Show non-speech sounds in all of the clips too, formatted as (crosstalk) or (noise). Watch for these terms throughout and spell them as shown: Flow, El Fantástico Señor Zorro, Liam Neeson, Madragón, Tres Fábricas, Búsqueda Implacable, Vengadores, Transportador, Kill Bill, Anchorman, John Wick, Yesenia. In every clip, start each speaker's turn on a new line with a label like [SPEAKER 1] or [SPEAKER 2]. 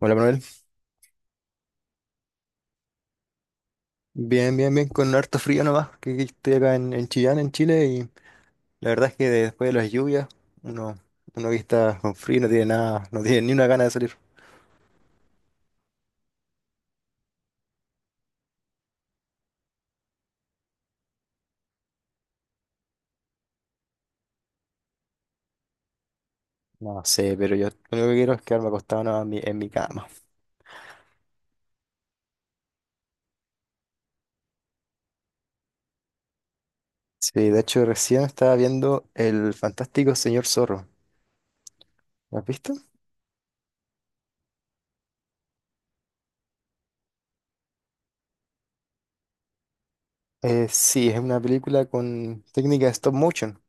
[SPEAKER 1] Hola Manuel, bien, bien, bien, con harto frío nomás, que estoy acá en Chillán, en Chile, y la verdad es que después de las lluvias, uno, uno que está con frío no tiene nada, no tiene ni una gana de salir. No sé, pero yo lo único que quiero es quedarme acostado nomás en mi cama. Sí, de hecho recién estaba viendo El Fantástico Señor Zorro. ¿Lo has visto? Sí, es una película con técnica de stop motion.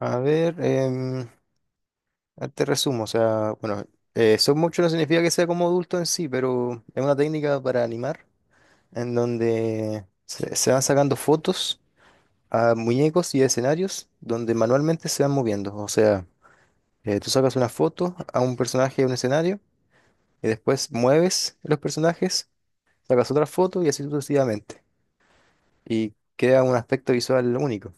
[SPEAKER 1] A ver, te resumo, o sea, bueno, stop motion no significa que sea como adulto en sí, pero es una técnica para animar en donde se van sacando fotos a muñecos y a escenarios donde manualmente se van moviendo. O sea, tú sacas una foto a un personaje de un escenario y después mueves los personajes, sacas otra foto y así sucesivamente. Y queda un aspecto visual único.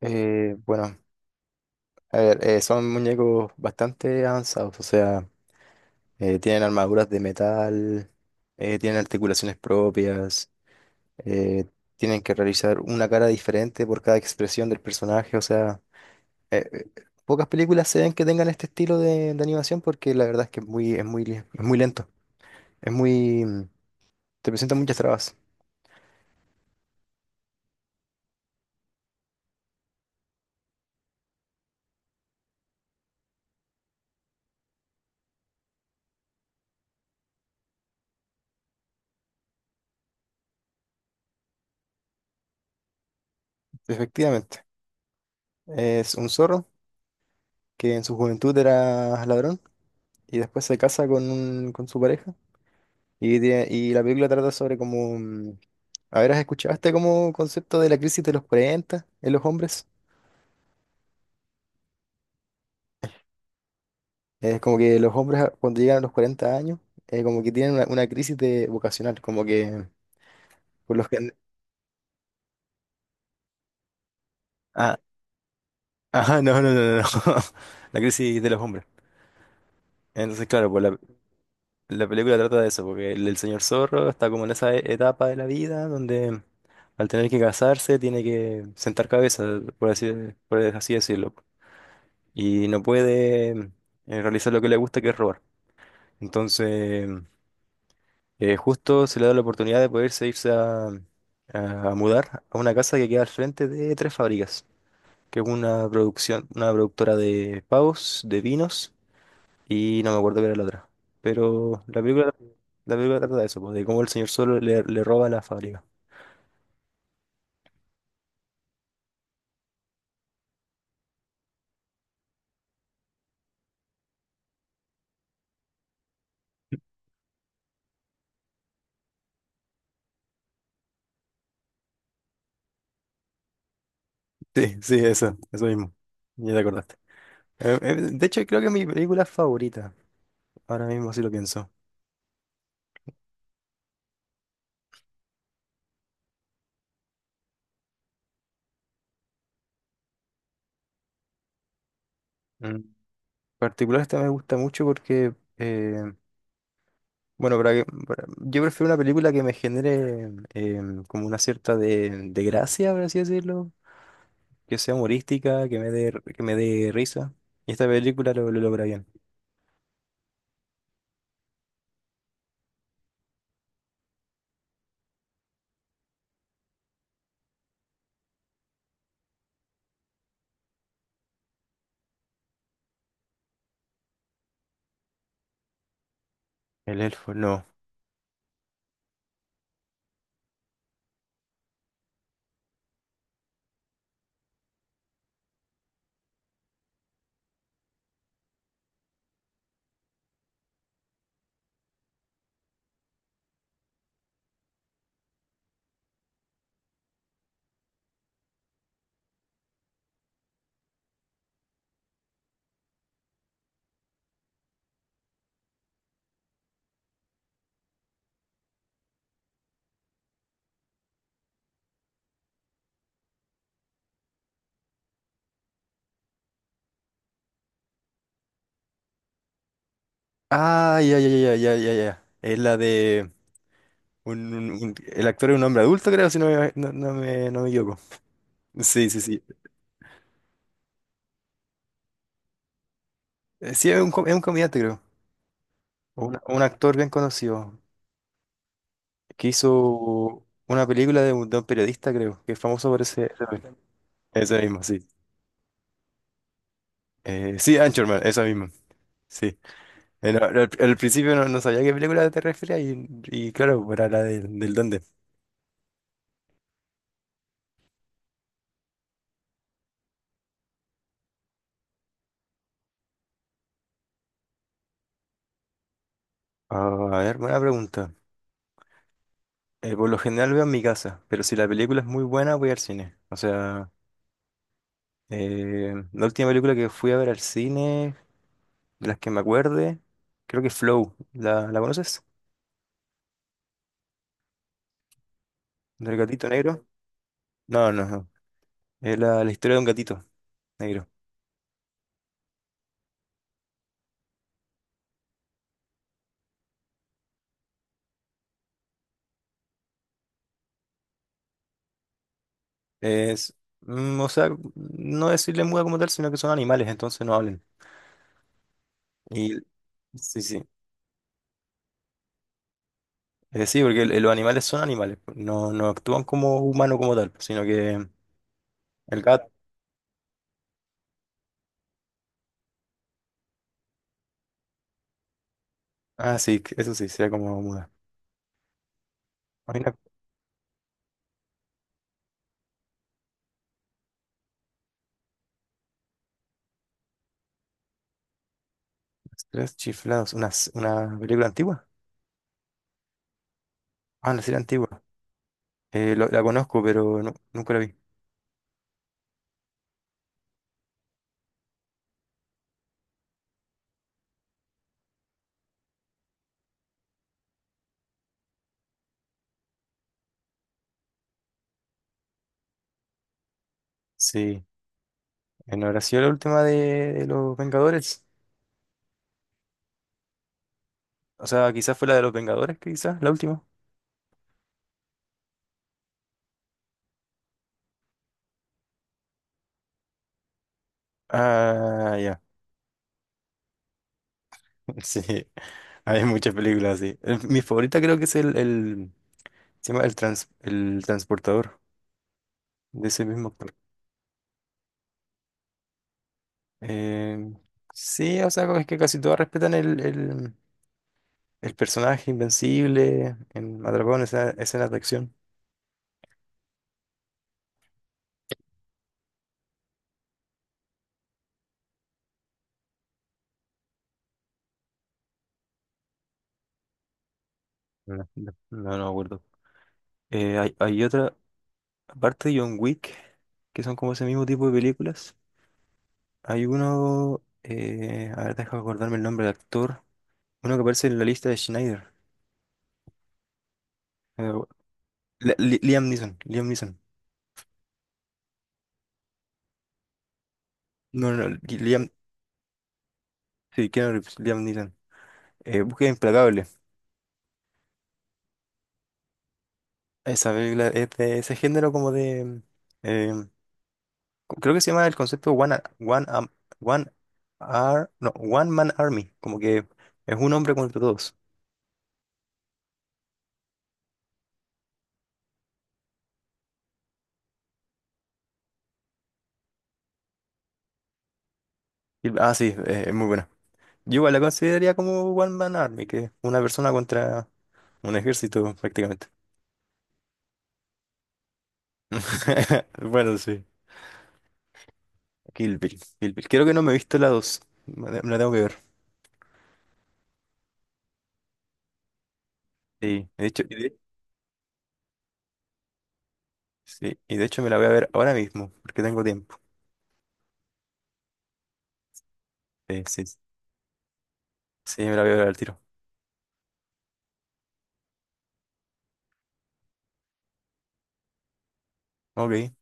[SPEAKER 1] Bueno, a ver, son muñecos bastante avanzados, o sea, tienen armaduras de metal, tienen articulaciones propias. eh, tienen que realizar una cara diferente por cada expresión del personaje, o sea, eh, eh, pocas películas se ven que tengan este estilo de animación porque la verdad es que es es muy lento, es muy, te presenta muchas trabas, efectivamente. Es un zorro que en su juventud era ladrón y después se casa con su pareja y, y la película trata sobre como... a ver, ¿has escuchado este como concepto de la crisis de los 40 en los hombres? Es como que los hombres cuando llegan a los 40 años, como que tienen una crisis de vocacional, como que por los que... Ah, ajá, no, no, no, no, no. (laughs) La crisis de los hombres. Entonces, claro, la película trata de eso, porque el señor zorro está como en esa etapa de la vida donde al tener que casarse tiene que sentar cabeza, por así, por así decirlo, y no puede realizar lo que le gusta, que es robar. Entonces... justo se le da la oportunidad de poderse irse a mudar a una casa que queda al frente de Tres Fábricas, que es una producción, una productora de pavos, de vinos y no me acuerdo qué era la otra. Pero la película trata de eso, pues, de cómo el señor solo le roba la fábrica. (laughs) Sí, sí, eso mismo. Ya te acordaste. De hecho, creo que es mi película favorita, ahora mismo si lo pienso. En particular esta me gusta mucho porque bueno, yo prefiero una película que me genere como una cierta de gracia, por así decirlo, que sea humorística, que me que me dé risa. Y esta película lo logra bien. El elfo, no. Ah, ya, ya, ya, ya, ya, ya. Es la de el actor es un hombre adulto, creo, si no me equivoco. Sí, sí, sí. Sí, es es un comediante, creo. Un actor bien conocido que hizo una película de de un periodista, creo, que es famoso por ese mismo, sí. Sí, Anchorman, esa misma. Sí. No, al principio no, no sabía a qué película te referías y claro, era del duende. Ah, a ver, buena pregunta. Por lo general veo en mi casa, pero si la película es muy buena, voy al cine. O sea, la última película que fui a ver al cine, de las que me acuerde, creo que es Flow. La conoces? ¿Del gatito negro? No, no, no. Es la historia de un gatito negro. Es, o sea, no decirle muda como tal, sino que son animales, entonces no hablan. Y sí, sí. Sí, porque los animales son animales, pues, no, no actúan como humanos como tal, sino que el gato. Ah, sí, eso sí, sería como muda. Hay una tres chiflados, una película antigua. Ah, una serie antigua. La conozco, pero nunca la vi. Sí. ¿No habrá sido la última de los Vengadores? O sea, quizás fue la de los Vengadores, quizás, la última. Ah, ya. (laughs) Sí. Hay muchas películas así. Mi favorita creo que es se llama el transportador. De ese mismo actor. Eh, sí, o sea, como es que casi todos respetan el personaje invencible en Madragón, esa escena de acción. No, no, no me acuerdo. Hay otra, aparte de John Wick, que son como ese mismo tipo de películas. Hay uno, a ver, deja acordarme el nombre del actor. Uno que aparece en la lista de Schneider. Eh, Liam Neeson, Liam Neeson. No, no, Li- Liam, sí, Keanu Reeves, Liam Neeson. Búsqueda Implacable. Esa película es de ese género como de... eh, creo que se llama el concepto One, Ar- One, Am- One, Ar- no, One Man Army. Como que es un hombre contra todos. Ah, sí, es muy buena. Yo igual la consideraría como One Man Army, que es una persona contra un ejército prácticamente. (laughs) Bueno, sí. Kill Bill, Kill Bill. Creo que no me he visto la dos. Me la tengo que ver. Sí, de hecho, sí, y de hecho me la voy a ver ahora mismo, porque tengo tiempo. Sí, sí, sí, me la voy a ver al tiro. Ok.